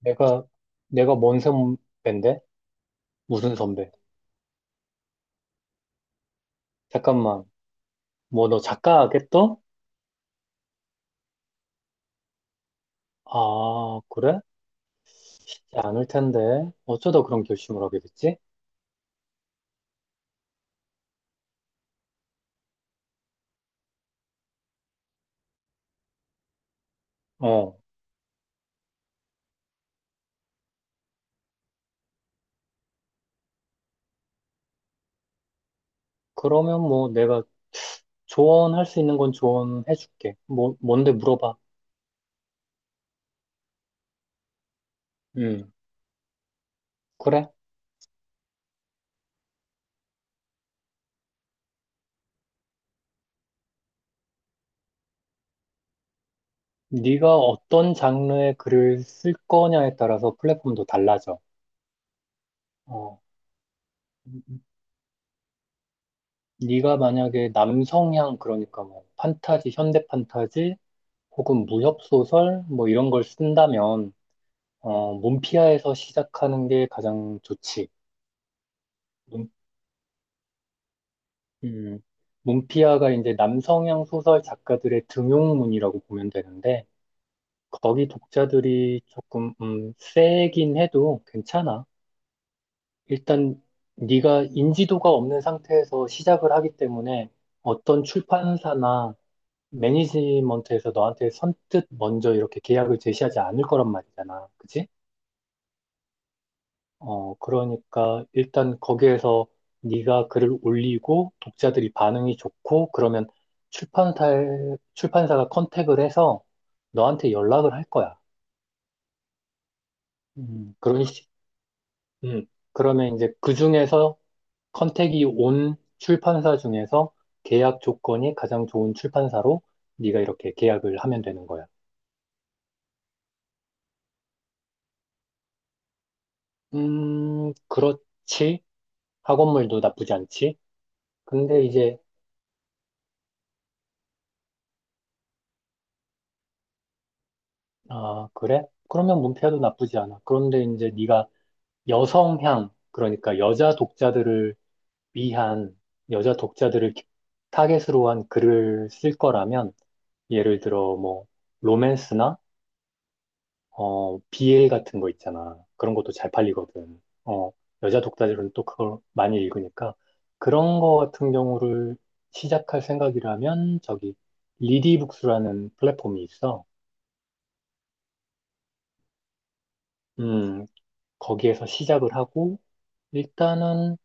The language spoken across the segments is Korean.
내가, 내가 뭔 선배인데? 무슨 선배? 잠깐만, 뭐 너 작가겠어? 아, 그래? 쉽지 않을 텐데. 어쩌다 그런 결심을 하게 됐지? 어, 그러면 뭐 내가 조언할 수 있는 건 조언해줄게. 뭔데 물어봐. 음, 그래? 네가 어떤 장르의 글을 쓸 거냐에 따라서 플랫폼도 달라져. 어, 네가 만약에 남성향, 그러니까 뭐 판타지, 현대 판타지, 혹은 무협소설 뭐 이런 걸 쓴다면 문피아에서 시작하는 게 가장 좋지. 문, 음, 문피아가 이제 남성향 소설 작가들의 등용문이라고 보면 되는데 거기 독자들이 조금 세긴 해도 괜찮아. 일단 네가 인지도가 없는 상태에서 시작을 하기 때문에 어떤 출판사나 매니지먼트에서 너한테 선뜻 먼저 이렇게 계약을 제시하지 않을 거란 말이잖아. 그치? 그러니까 일단 거기에서 네가 글을 올리고 독자들이 반응이 좋고 그러면 출판사 출판사가 컨택을 해서 너한테 연락을 할 거야. 그런 식. 음, 그러면 이제 그 중에서 컨택이 온 출판사 중에서 계약 조건이 가장 좋은 출판사로 네가 이렇게 계약을 하면 되는 거야. 그렇지. 학원물도 나쁘지 않지. 근데 이제 아, 그래? 그러면 문패도 나쁘지 않아. 그런데 이제 네가 여성향, 그러니까 여자 독자들을 위한, 여자 독자들을 타겟으로 한 글을 쓸 거라면, 예를 들어 뭐, 로맨스나, BL 같은 거 있잖아. 그런 것도 잘 팔리거든. 여자 독자들은 또 그걸 많이 읽으니까. 그런 거 같은 경우를 시작할 생각이라면, 저기, 리디북스라는 플랫폼이 있어. 음, 거기에서 시작을 하고, 일단은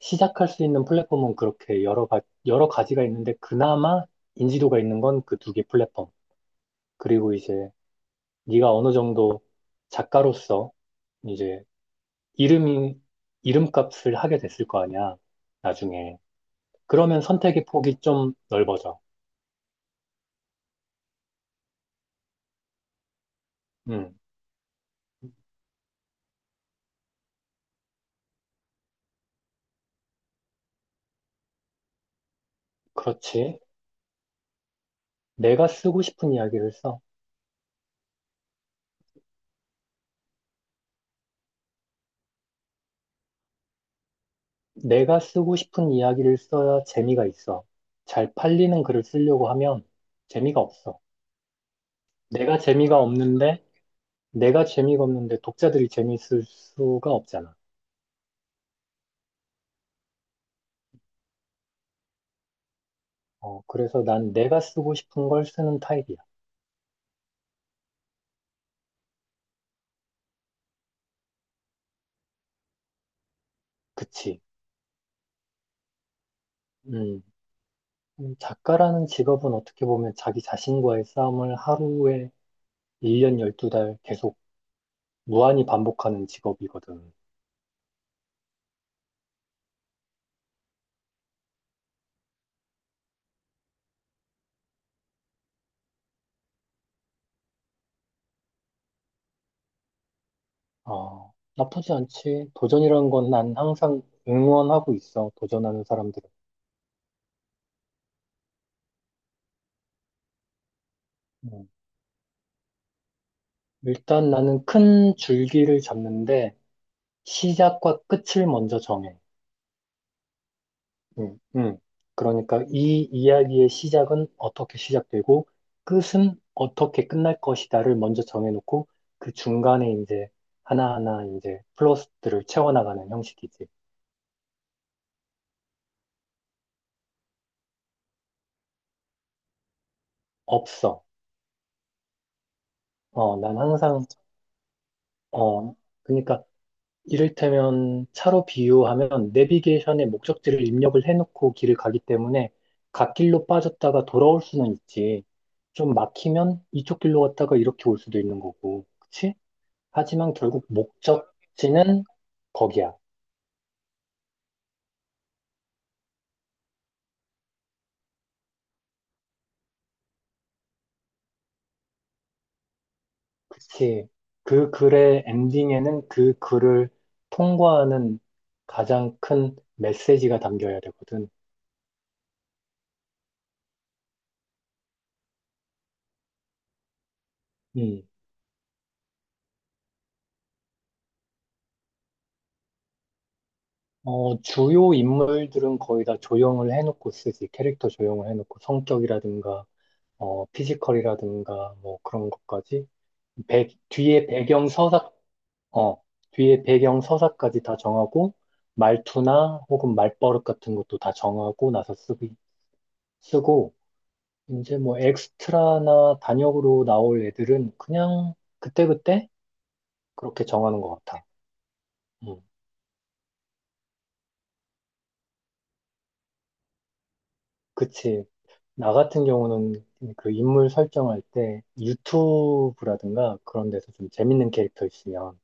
시작할 수 있는 플랫폼은 그렇게 여러 가, 여러 가지가 있는데, 그나마 인지도가 있는 건 그 2개 플랫폼. 그리고 이제 네가 어느 정도 작가로서 이제 이름이, 이름값을 하게 됐을 거 아니야, 나중에. 그러면 선택의 폭이 좀 넓어져. 음, 그렇지. 내가 쓰고 싶은 이야기를 써. 내가 쓰고 싶은 이야기를 써야 재미가 있어. 잘 팔리는 글을 쓰려고 하면 재미가 없어. 내가 재미가 없는데, 내가 재미가 없는데 독자들이 재미있을 수가 없잖아. 그래서 난 내가 쓰고 싶은 걸 쓰는 타입이야. 그치? 음, 작가라는 직업은 어떻게 보면 자기 자신과의 싸움을 하루에 1년 12달 계속 무한히 반복하는 직업이거든. 나쁘지 않지. 도전이라는 건 난 항상 응원하고 있어. 도전하는 사람들은. 음. 일단 나는 큰 줄기를 잡는데 시작과 끝을 먼저 정해. 음, 음. 그러니까 이 이야기의 시작은 어떻게 시작되고 끝은 어떻게 끝날 것이다를 먼저 정해놓고 그 중간에 이제 하나하나 이제 플러스들을 채워나가는 형식이지. 없어. 어, 난 항상, 어, 그러니까 이를테면 차로 비유하면 내비게이션에 목적지를 입력을 해놓고 길을 가기 때문에 갓길로 빠졌다가 돌아올 수는 있지. 좀 막히면 이쪽 길로 갔다가 이렇게 올 수도 있는 거고. 그치? 하지만 결국 목적지는 거기야. 그치? 그 글의 엔딩에는 그 글을 통과하는 가장 큰 메시지가 담겨야 되거든. 음. 주요 인물들은 거의 다 조형을 해놓고 쓰지. 캐릭터 조형을 해놓고 성격이라든가, 피지컬이라든가, 뭐 그런 것까지. 뒤에 배경 서사, 어, 뒤에 배경 서사까지 다 정하고, 말투나 혹은 말버릇 같은 것도 다 정하고 나서 쓰고, 이제 뭐 엑스트라나 단역으로 나올 애들은 그냥 그때그때 그렇게 정하는 것 같아. 음, 그치. 나 같은 경우는 그 인물 설정할 때 유튜브라든가 그런 데서 좀 재밌는 캐릭터 있으면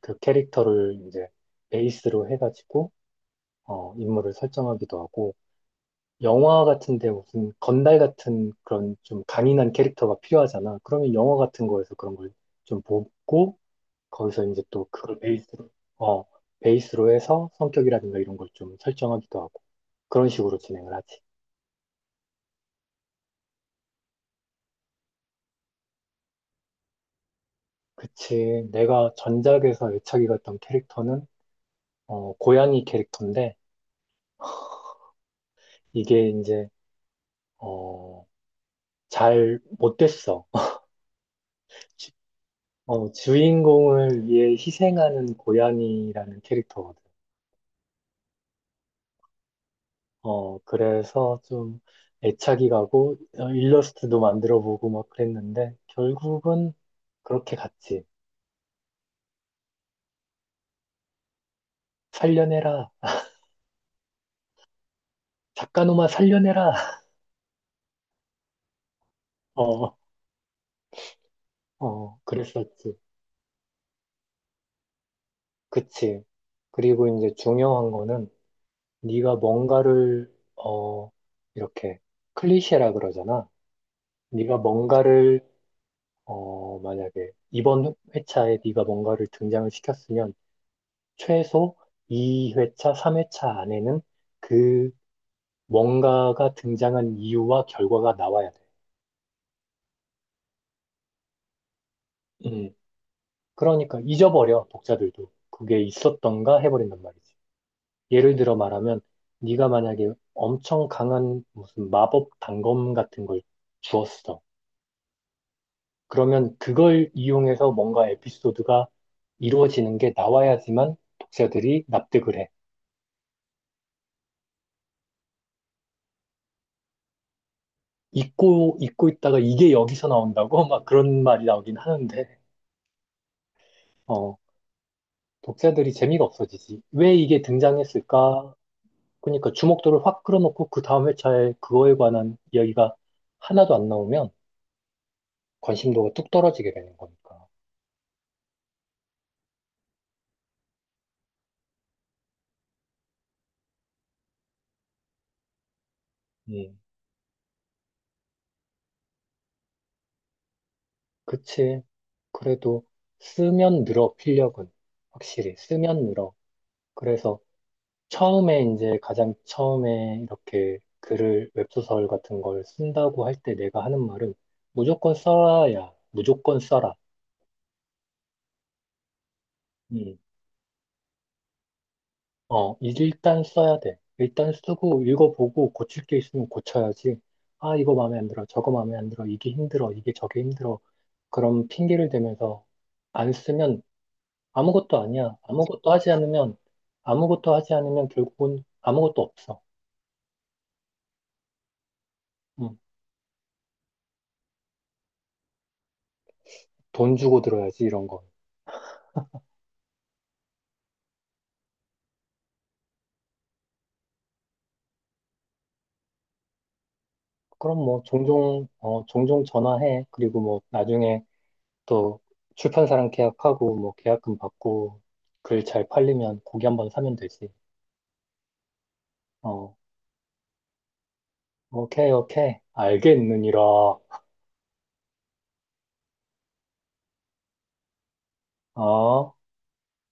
그 캐릭터를 이제 베이스로 해가지고 인물을 설정하기도 하고 영화 같은데 무슨 건달 같은 그런 좀 강인한 캐릭터가 필요하잖아. 그러면 영화 같은 거에서 그런 걸 좀 보고 거기서 이제 또 그걸 어, 베이스로 해서 성격이라든가 이런 걸 좀 설정하기도 하고 그런 식으로 진행을 하지. 그치. 내가 전작에서 애착이 갔던 캐릭터는, 고양이 캐릭터인데, 이게 이제, 어, 잘 못 됐어. 지- 주인공을 위해 희생하는 고양이라는 캐릭터거든. 그래서 좀 애착이 가고, 일러스트도 만들어 보고 막 그랬는데, 결국은 그렇게 갔지. 살려내라. 작가놈아 살려내라. 어, 어, 그랬었지. 그치. 그리고 이제 중요한 거는, 네가 뭔가를 이렇게 클리셰라 그러잖아. 네가 뭔가를 만약에 이번 회차에 네가 뭔가를 등장을 시켰으면 최소 2회차, 3회차 안에는 그 뭔가가 등장한 이유와 결과가 나와야 돼. 음. 그러니까 잊어버려 독자들도 그게 있었던가 해버린단 말이지. 예를 들어 말하면 네가 만약에 엄청 강한 무슨 마법 단검 같은 걸 주었어. 그러면 그걸 이용해서 뭔가 에피소드가 이루어지는 게 나와야지만 독자들이 납득을 해. 잊고 있다가 이게 여기서 나온다고? 막 그런 말이 나오긴 하는데, 어, 독자들이 재미가 없어지지. 왜 이게 등장했을까? 그러니까 주목도를 확 끌어놓고 그 다음 회차에 그거에 관한 이야기가 하나도 안 나오면 관심도가 뚝 떨어지게 되는 거니까. 음, 그치. 그래도 쓰면 늘어, 필력은. 확실히 쓰면 늘어. 그래서 처음에 이제 가장 처음에 이렇게 글을 웹소설 같은 걸 쓴다고 할 때 내가 하는 말은 무조건 써야 무조건 써라. 음. 일단 써야 돼. 일단 쓰고 읽어보고 고칠 게 있으면 고쳐야지. 아, 이거 마음에 안 들어. 저거 마음에 안 들어. 이게 힘들어. 이게 저게 힘들어. 그런 핑계를 대면서 안 쓰면 아무것도 아니야. 아무것도 하지 않으면 아무것도 하지 않으면 결국은 아무것도 없어. 음. 돈 주고 들어야지 이런 건. 그럼 뭐 종종 전화해. 그리고 뭐 나중에 또 출판사랑 계약하고 뭐 계약금 받고 글 잘 팔리면 고기 한 번 사면 되지. 어 오케이 오케이 알겠느니라. 어.